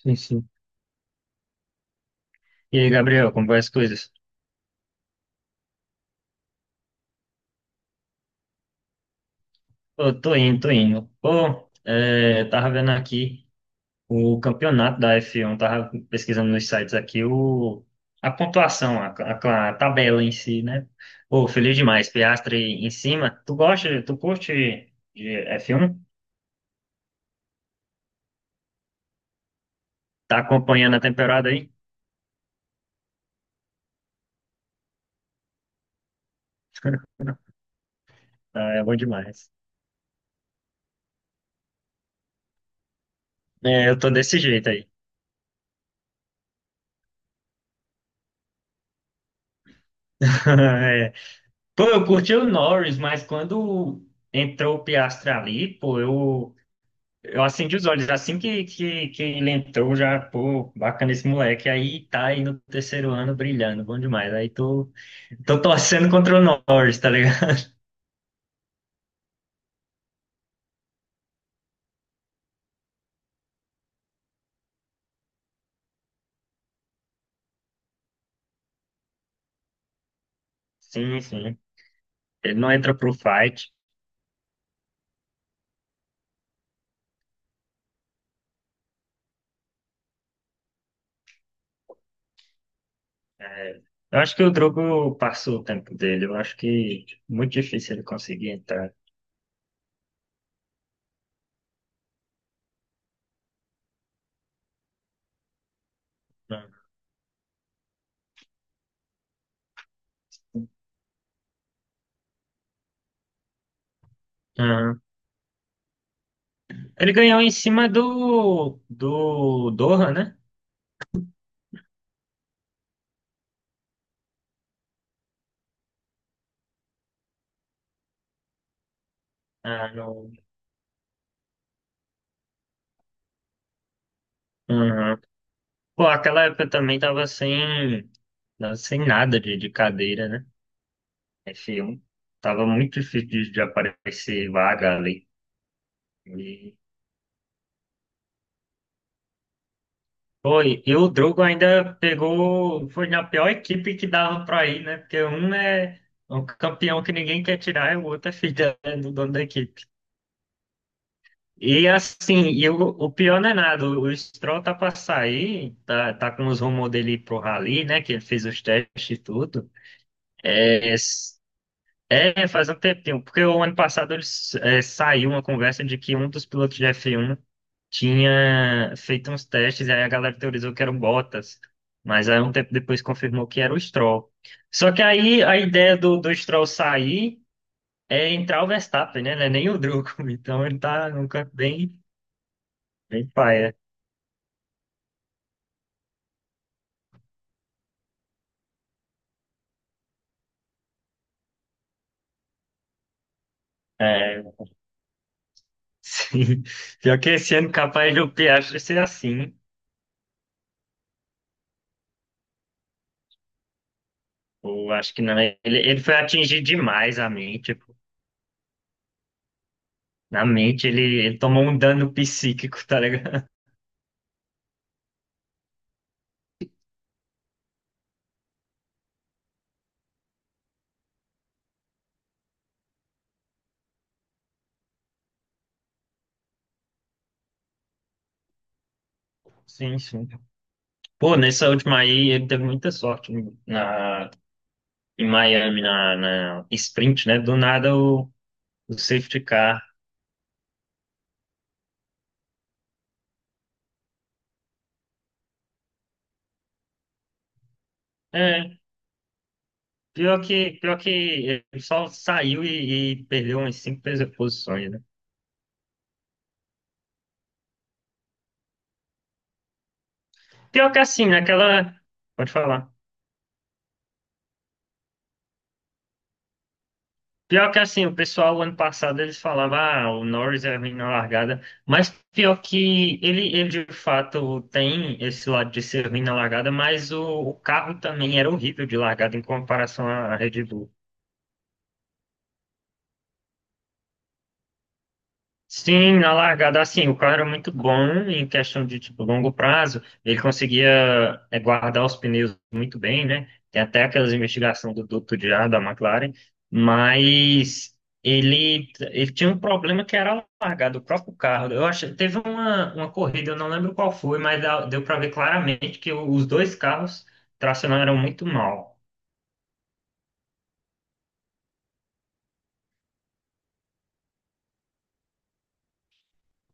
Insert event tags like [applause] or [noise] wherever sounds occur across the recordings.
Sim, sim. E aí, Gabriel, como vai as coisas? Pô, tô indo, tô indo. Pô, é, tava vendo aqui o campeonato da F1, tava pesquisando nos sites aqui a pontuação, a tabela em si, né? Pô, feliz demais, Piastri em cima. Tu curte de F1? Tá acompanhando a temporada aí? [laughs] Ah, é bom demais. É, eu tô desse jeito aí. [laughs] É. Pô, eu curti o Norris, mas quando entrou o Piastri ali, pô, eu acendi os olhos. Assim que ele entrou, já, pô, bacana esse moleque. Aí tá aí no terceiro ano brilhando, bom demais. Aí tô torcendo contra o Norris, tá ligado? [laughs] Sim, sim. Ele não entra pro fight. Eu acho que o Drogo passou o tempo dele. Eu acho que muito difícil ele conseguir entrar. Aham. Ele ganhou em cima do Doha, né? Ah, no. Aham. Pô, aquela época também tava sem nada de cadeira, né? Esse um tava muito difícil de aparecer vaga ali. E, pô, e o Drogo ainda pegou, foi na pior equipe que dava pra ir, né? Porque um é um campeão que ninguém quer tirar e o outro é filho do dono da equipe. E assim, e o pior não é nada, o Stroll tá pra sair, tá com os rumores dele ir pro Rally, né? Que ele fez os testes e tudo. É. É, faz um tempinho, porque o ano passado eles saiu uma conversa de que um dos pilotos de F1 tinha feito uns testes, e aí a galera teorizou que eram Bottas, mas aí um tempo depois confirmou que era o Stroll. Só que aí a ideia do Stroll sair é entrar o Verstappen, né? Não é nem o Drugo, [laughs] então ele tá num canto bem, bem paia. É, [laughs] sim. Pior que esse ano capaz do Piastri ser assim. Eu acho que não. Ele foi atingir demais a mente. Na mente, ele tomou um dano psíquico, tá ligado? [laughs] Sim, sim. Pô, nessa última aí, ele teve muita sorte na, em Miami, na sprint, né? Do nada, o safety car. É, pior que ele só saiu e perdeu umas cinco posições, né? Pior que assim, naquela. Pode falar. Pior que assim, o pessoal ano passado eles falavam, ah, o Norris é ruim na largada, mas pior que ele de fato tem esse lado de ser ruim na largada, mas o carro também era horrível de largada em comparação à Red Bull. Sim, na largada, assim, o cara era muito bom em questão de, tipo, longo prazo, ele conseguia guardar os pneus muito bem, né? Tem até aquelas investigações do duto de ar da McLaren, mas ele tinha um problema que era a largada, o próprio carro. Eu acho, teve uma, corrida, eu não lembro qual foi, mas deu para ver claramente que os dois carros tracionaram muito mal.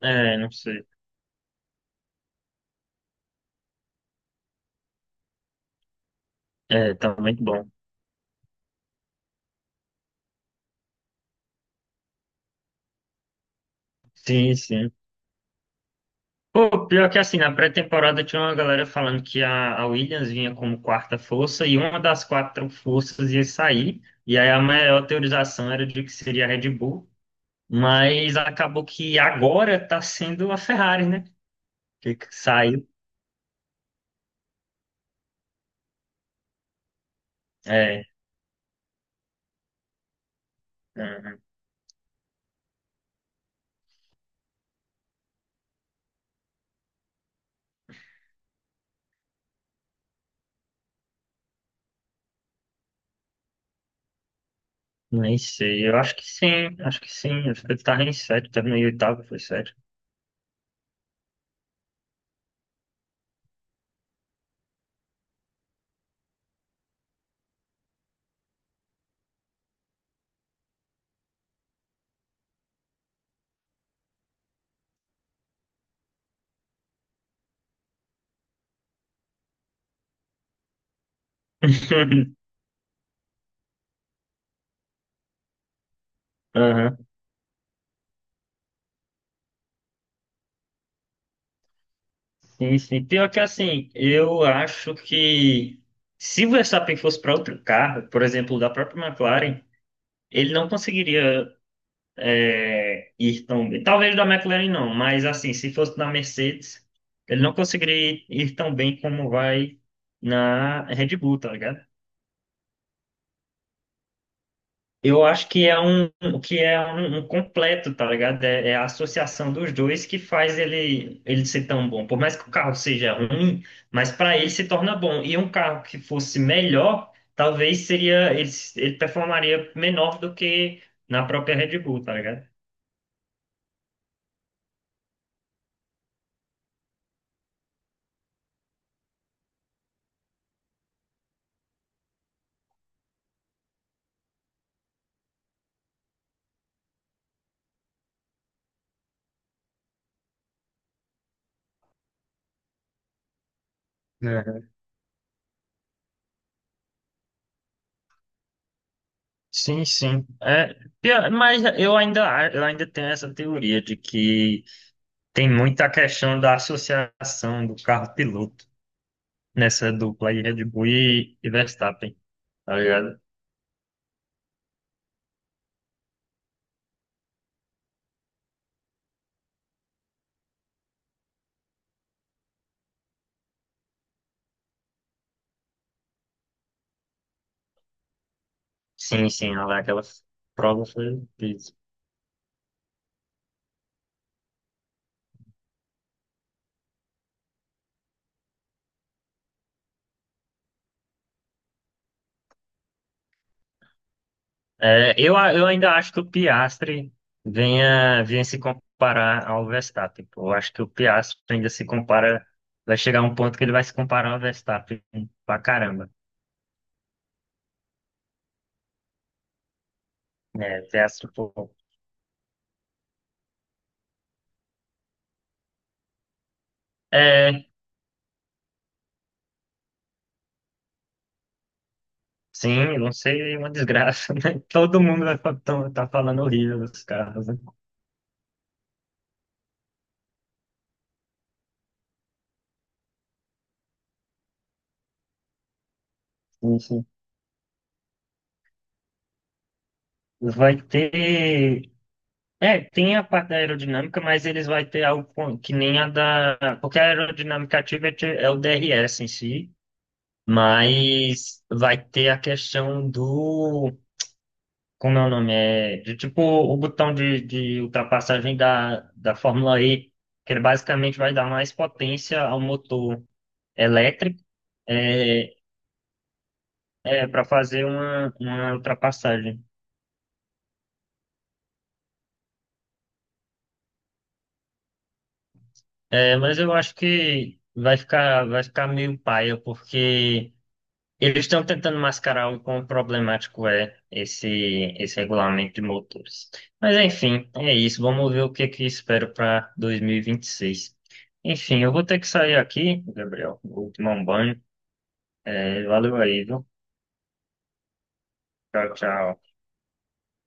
É, não sei. É, tá muito bom. Sim, sim. Pô, pior que assim, na pré-temporada tinha uma galera falando que a Williams vinha como quarta força e uma das quatro forças ia sair. E aí a maior teorização era de que seria a Red Bull, mas acabou que agora tá sendo a Ferrari, né? Que saiu. É, ah, nem sei. Eu acho que sim, acho que sim. Acho que ele tava em sétimo, tava em oitavo, foi sétimo. [laughs] Aham. Sim, sim. Pior que assim, eu acho que se o Verstappen fosse para outro carro, por exemplo, da própria McLaren. Ele não conseguiria ir tão bem. Talvez da McLaren não, mas assim, se fosse na Mercedes, ele não conseguiria ir tão bem como vai na Red Bull, tá ligado? Eu acho que é um que é um completo, tá ligado? É, é a associação dos dois que faz ele ser tão bom. Por mais que o carro seja ruim, mas para ele se torna bom. E um carro que fosse melhor, talvez seria ele performaria menor do que na própria Red Bull, tá ligado? É. Sim, sim. É, mas eu ainda tenho essa teoria de que tem muita questão da associação do carro-piloto nessa dupla aí, Red Bull e Verstappen, tá ligado? Sim, sim, lá aquela prova foi isso. É, eu ainda acho que o Piastri venha se comparar ao Verstappen. Pô. Eu acho que o Piastri ainda se compara, vai chegar um ponto que ele vai se comparar ao Verstappen pra caramba. É, Piastri, pô. É, sim, não sei, é uma desgraça, [laughs] né? Todo mundo vai tá falando horrível dos carros, né? Isso. Vai ter. É, tem a parte da aerodinâmica, mas eles vão ter algo que nem a da. Porque a aerodinâmica ativa é o DRS em si, mas vai ter a questão do. Como é o nome? É, de, tipo o botão de ultrapassagem da Fórmula E, que ele basicamente vai dar mais potência ao motor elétrico. É. É, para fazer uma, ultrapassagem. É, mas eu acho que vai ficar meio paia, porque eles estão tentando mascarar o quão problemático é esse regulamento de motores. Mas enfim, é isso. Vamos ver o que que espero para dois mil e vinte e seis. Enfim, eu vou ter que sair aqui, Gabriel. Vou tomar um banho. É, valeu aí, viu? Tchau, tchau.